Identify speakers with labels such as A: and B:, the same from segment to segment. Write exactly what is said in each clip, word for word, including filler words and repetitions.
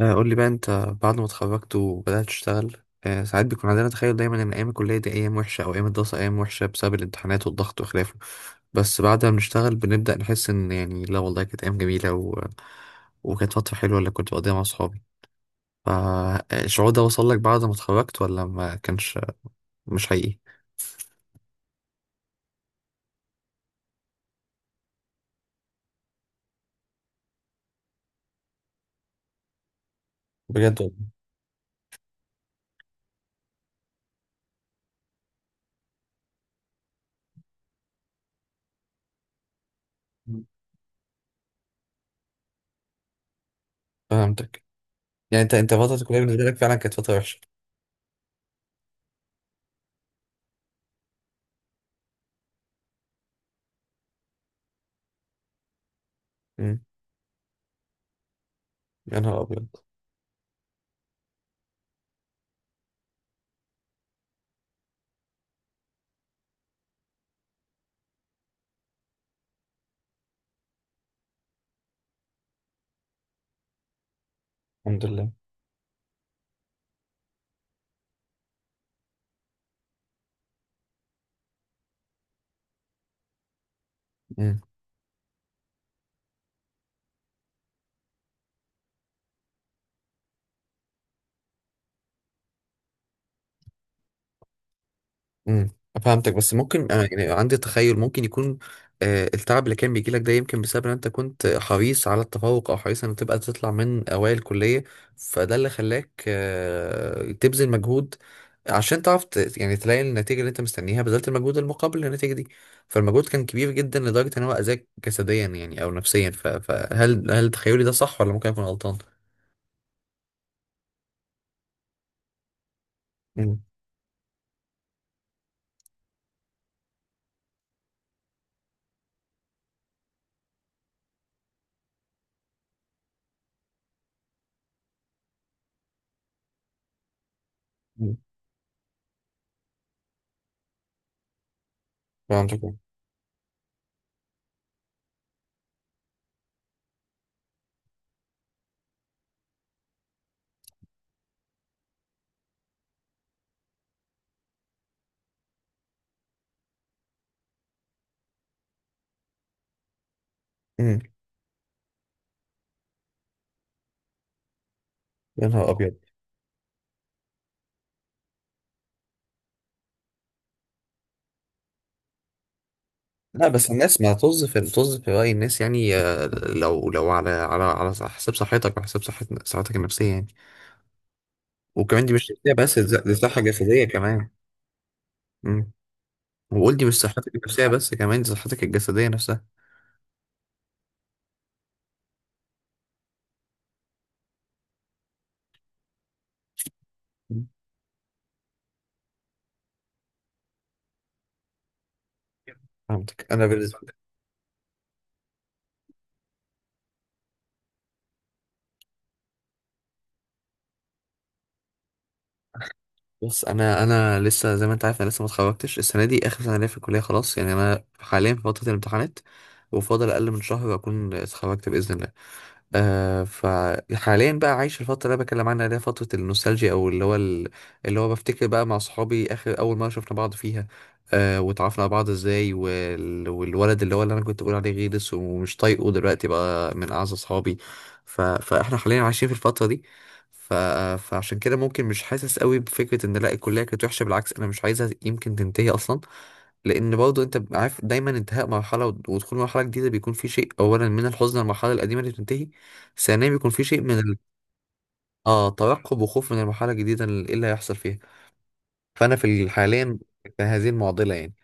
A: آه، قول لي بقى انت بعد ما اتخرجت وبدأت تشتغل. آه، ساعات بيكون عندنا تخيل دايما ان ايام الكلية دي ايام وحشة او ايام الدراسة ايام وحشة بسبب الامتحانات والضغط وخلافه. بس بعد ما بنشتغل بنبدأ نحس ان يعني لا والله كانت ايام جميلة و... وكانت فترة حلوة اللي كنت بقضيها مع صحابي. فالشعور ده وصل لك بعد ما اتخرجت ولا ما كانش؟ مش حقيقي. بجد والله. مم. فهمتك. يعني انت انت فترة الكلية بالنسبة لك فعلا كانت فترة وحشة؟ مم. يا نهار ابيض. الحمد لله. مم. امم. فهمتك، بس ممكن انا يعني عندي تخيل ممكن يكون آه، التعب اللي كان بيجي لك ده يمكن بسبب ان انت كنت حريص على التفوق او حريص ان تبقى تطلع من اوائل الكليه. فده اللي خلاك آه، تبذل مجهود، عشان تعرف ت- يعني تلاقي النتيجه اللي انت مستنيها، بذلت المجهود المقابل للنتيجه دي. فالمجهود كان كبير جدا لدرجه ان هو اذاك جسديا يعني او نفسيا، ف- فهل هل تخيلي ده صح ولا ممكن اكون غلطان؟ امم. فهمتك. امم. يا نهار ابيض. لا، بس الناس ما طز، في طز في رأي الناس يعني. آه، لو لو على على على صح- حساب صحتك، وحساب صحة صحتك النفسية يعني. وكمان دي مش نفسية بس دي ص- دي صحة جسدية كمان. مم. وقول، دي مش صحتك النفسية بس كمان دي صحتك الجسدية نفسها. مم. فهمتك. أنا بالنسبة. بص، انا انا لسه زي ما انت عارف، انا لسه ما اتخرجتش، السنه دي اخر سنه ليا في الكليه، خلاص يعني انا حاليا في فتره الامتحانات. وفاضل اقل من شهر اكون اتخرجت باذن الله. آه فحاليا بقى عايش الفتره اللي انا بكلم عنها، اللي هي فتره النوستالجيا، او اللي هو ال- اللي هو بفتكر بقى مع صحابي اخر اول مره شفنا بعض فيها. آه واتعرفنا على بعض ازاي، وال... والولد اللي هو اللي انا كنت بقول عليه غيرس ومش طايقه، دلوقتي بقى من اعز اصحابي. ف... فاحنا حاليا عايشين في الفتره دي. ف... فعشان كده ممكن مش حاسس قوي بفكرة ان لا الكلية كانت وحشة، بالعكس انا مش عايزها يمكن تنتهي اصلا. لان برضه انت بيبقى عارف دايما انتهاء مرحلة ود- ودخول مرحلة جديدة بيكون في شيء، اولا من الحزن للمرحلة القديمة اللي بتنتهي، ثانيا بيكون في شيء من ال... اه ترقب وخوف من المرحلة الجديدة اللي اللي هيحصل فيها. فانا في ال- حاليا في هذه المعضلة يعني.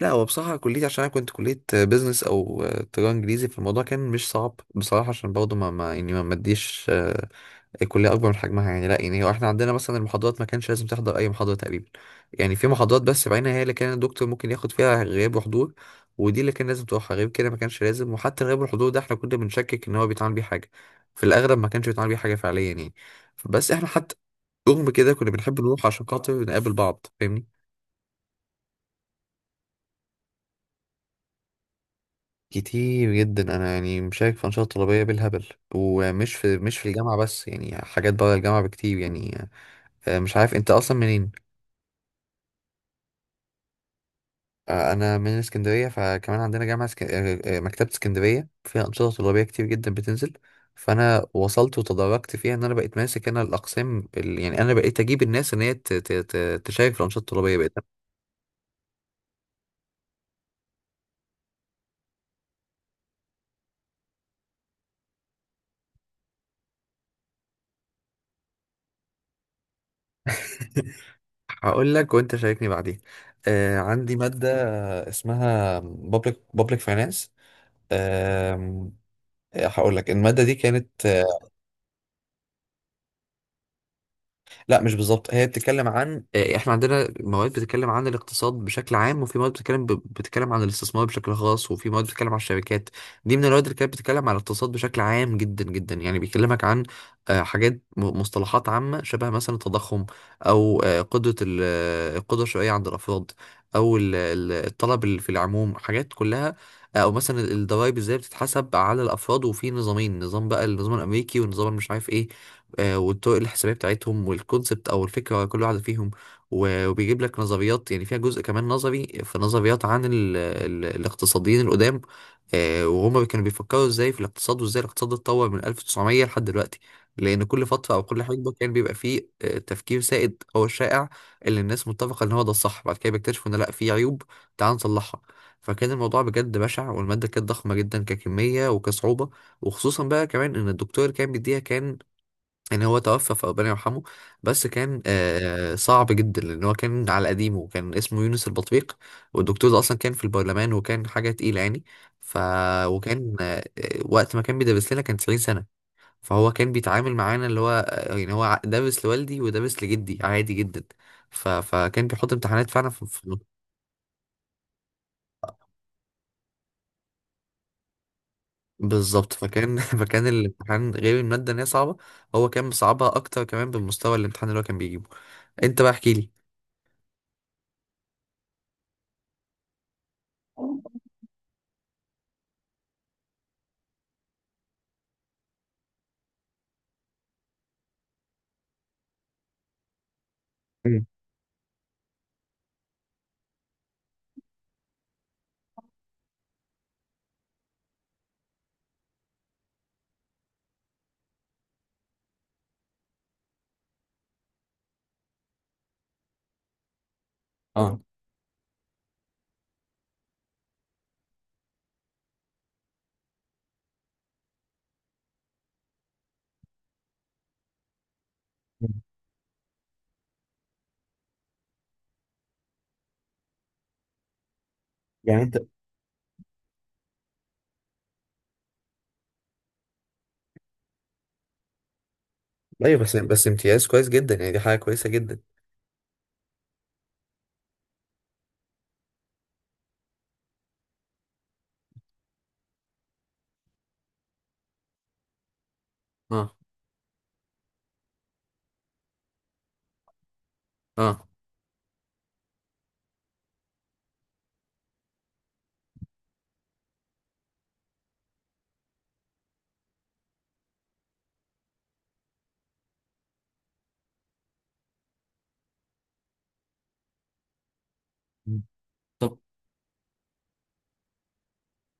A: لا، هو بصراحة كليتي، عشان أنا كنت كلية بيزنس أو تجارة إنجليزي، فالموضوع كان مش صعب بصراحة، عشان برضه ما ما يعني ما مديش الكليه اكبر من حجمها، يعني لا، يعني هو احنا عندنا مثلا المحاضرات ما كانش لازم تحضر اي محاضره تقريبا. يعني في محاضرات بس بعينها هي اللي كان الدكتور ممكن ياخد فيها غياب وحضور. ودي اللي كان لازم تروحها، غير كده ما كانش لازم، وحتى الغياب والحضور ده احنا كنا بنشكك ان هو بيتعامل بيه حاجه، في الاغلب ما كانش بيتعامل بيه حاجه فعليا يعني. بس احنا حتى رغم كده كنا بنحب نروح عشان خاطر نقابل بعض، فاهمني. كتير جدا، انا يعني مشارك في انشطه طلابيه بالهبل. ومش في مش في الجامعه بس، يعني حاجات بره الجامعه بكتير يعني. آه، مش عارف انت اصلا منين. آه، انا من اسكندريه، فكمان عندنا جامعه سك... آه، آه، مكتبه اسكندريه فيها انشطه طلابيه كتير جدا بتنزل. فانا وصلت وتدرجت فيها ان انا بقيت ماسك انا الاقسام ال... يعني انا بقيت اجيب الناس ان هي ت... ت... ت- تشارك في الانشطه الطلابيه بقيت. هقول لك وانت شاركني بعدين. آه عندي ماده اسمها public public finance. آم، هقول لك الماده دي كانت. لا، مش بالظبط، هي بتتكلم عن آه، احنا عندنا مواد بتتكلم عن الاقتصاد بشكل عام، وفي مواد بتتكلم ب... بتتكلم عن الاستثمار بشكل خاص، وفي مواد بتتكلم عن الشركات. دي من المواد اللي كانت بتتكلم عن الاقتصاد بشكل عام جدا جدا، يعني بيكلمك عن آه، حاجات م- مصطلحات عامة شبه مثلا التضخم، او آه، قدرة ال- آه، القدرة الشرائية عند الافراد، او ال- ال- الطلب ال- في العموم، حاجات كلها. آه، او مثلا الضرايب ازاي بتتحسب على الافراد، وفي نظامين، نظام بقى النظام الامريكي، والنظام مش عارف ايه. آه، والطرق الحسابية بتاعتهم، والكونسبت أو الفكرة ورا كل واحدة فيهم. و- وبيجيب لك نظريات، يعني فيها جزء كمان نظري، في نظريات عن ال ال الاقتصاديين القدام. آه، وهما كانوا بيفكروا ازاي في الاقتصاد، وازاي الاقتصاد اتطور من ألف وتسعمية لحد دلوقتي. لأن كل فترة أو كل حقبة كان بيبقى فيه آه، تفكير سائد أو شائع، اللي الناس متفقة إن هو ده الصح، بعد كده بيكتشفوا إن لأ، في عيوب. تعال نصلحها. فكان الموضوع بجد بشع، والمادة كانت ضخمة جدا ككمية وكصعوبة. وخصوصا بقى كمان إن الدكتور اللي كان بيديها كان، يعني هو توفى فربنا يرحمه. بس كان آه صعب جدا، لان هو كان على قديمه، وكان اسمه يونس البطريق. والدكتور ده اصلا كان في البرلمان، وكان حاجه تقيله يعني. ف وكان آه وقت ما كان بيدرس لنا، كان تسعين سنة سنه. فهو كان بيتعامل معانا اللي هو آه، يعني هو ع- درس لوالدي ودرس لجدي عادي جدا. ف... فكان بيحط امتحانات فعلا في... في... بالظبط، فكان فكان الامتحان غير الماده ان هي صعبه، هو كان مصعبها اكتر كمان بالمستوى الامتحان اللي هو كان بيجيبه. انت بقى احكي لي. بس بس امتياز كويس جدا، يعني دي حاجة كويسة جدا.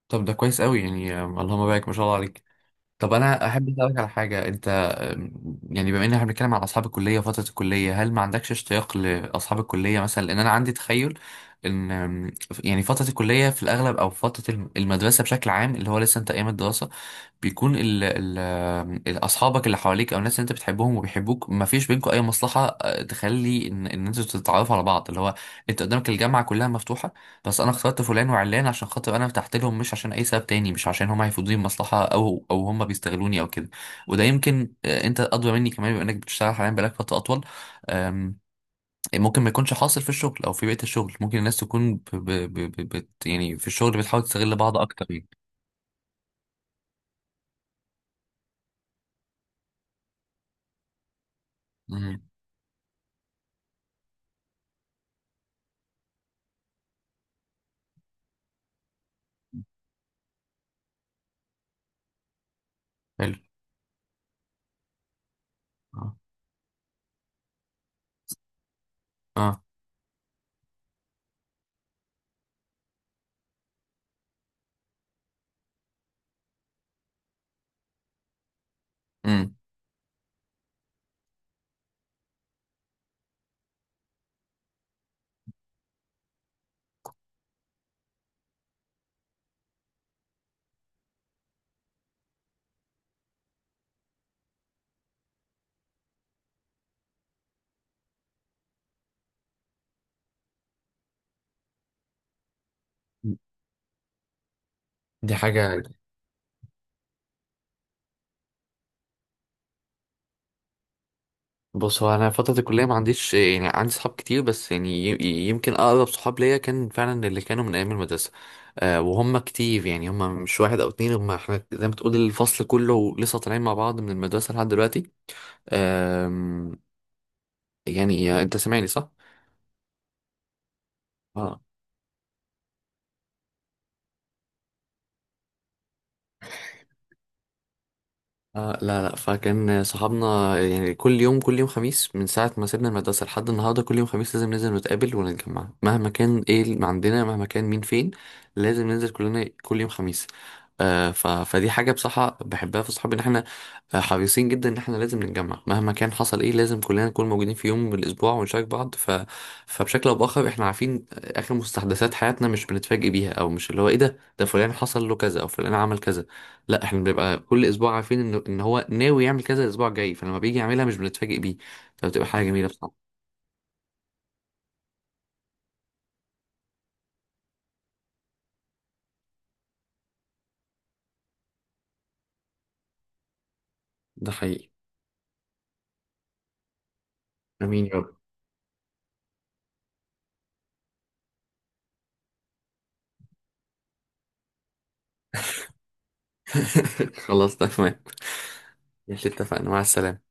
A: طب ده كويس قوي يعني. آم، اللهم بارك ما شاء الله عليك. طب انا احب اسالك على حاجه، انت آم، يعني، بما ان احنا بنتكلم على اصحاب الكليه وفتره الكليه، هل ما عندكش اشتياق لاصحاب الكليه مثلا؟ لان انا عندي تخيل ان آم، يعني فتره الكليه في الاغلب، او فتره الم- المدرسه بشكل عام، اللي هو لسه انت ايام الدراسه، بيكون ال ال ال- اصحابك اللي حواليك او الناس اللي انت بتحبهم وبيحبوك، ما فيش بينكم اي مصلحه آه، تخلي ان ان انتوا تتعرفوا على بعض، اللي هو انت قدامك الجامعه كلها مفتوحه. بس انا اخترت فلان وعلان عشان خاطر انا ارتحت لهم، مش عشان اي سبب تاني، مش عشان هم هيفيدوني بمصلحه او او هم بيستغلوني او كده. وده يمكن آه، انت ادرى مني كمان بما انك بتشتغل حاليا بقالك فتره اطول. آم، ممكن ما يكونش حاصل في الشغل او في بيئه الشغل، ممكن الناس تكون ب ب ب ب بت- يعني في الشغل بتحاول تستغل بعض اكتر يعني. مم. حلو. اه. امم. دي حاجة. بص، هو انا فتره الكليه ما عنديش، يعني عندي صحاب كتير، بس يعني ي- يمكن اقرب صحاب ليا كان فعلا اللي كانوا من ايام المدرسه. أه وهم كتير، يعني هم مش واحد او اتنين، هم احنا زي ما تقول الفصل كله لسه طالعين مع بعض من المدرسه لحد دلوقتي. أم، يعني انت سامعني صح؟ آه لا لا، فكان صحابنا يعني كل يوم كل يوم خميس من ساعة ما سيبنا المدرسة لحد النهاردة، كل يوم خميس لازم ننزل نتقابل ونتجمع، مهما كان ايه اللي عندنا، مهما كان مين فين. لازم ننزل كلنا كل يوم خميس. آه ف... فدي حاجة بصراحة بحبها في صحابي، ان احنا آه، حريصين جدا ان احنا لازم نتجمع، مهما كان حصل ايه لازم كلنا نكون موجودين في يوم من الاسبوع ونشارك بعض، ف... فبشكل او باخر احنا عارفين اخر مستحدثات حياتنا، مش بنتفاجئ بيها، او مش اللي هو ايه ده ده فلان حصل له كذا او فلان عمل كذا. لا، احنا بنبقى كل اسبوع عارفين ان ان هو ناوي يعمل كذا الاسبوع الجاي، فلما بيجي يعملها مش بنتفاجئ بيه، فبتبقى حاجه جميله بصراحه. ده حقيقي. امين يا رب. خلاص تمام. ماشي، اتفقنا. مع السلامه.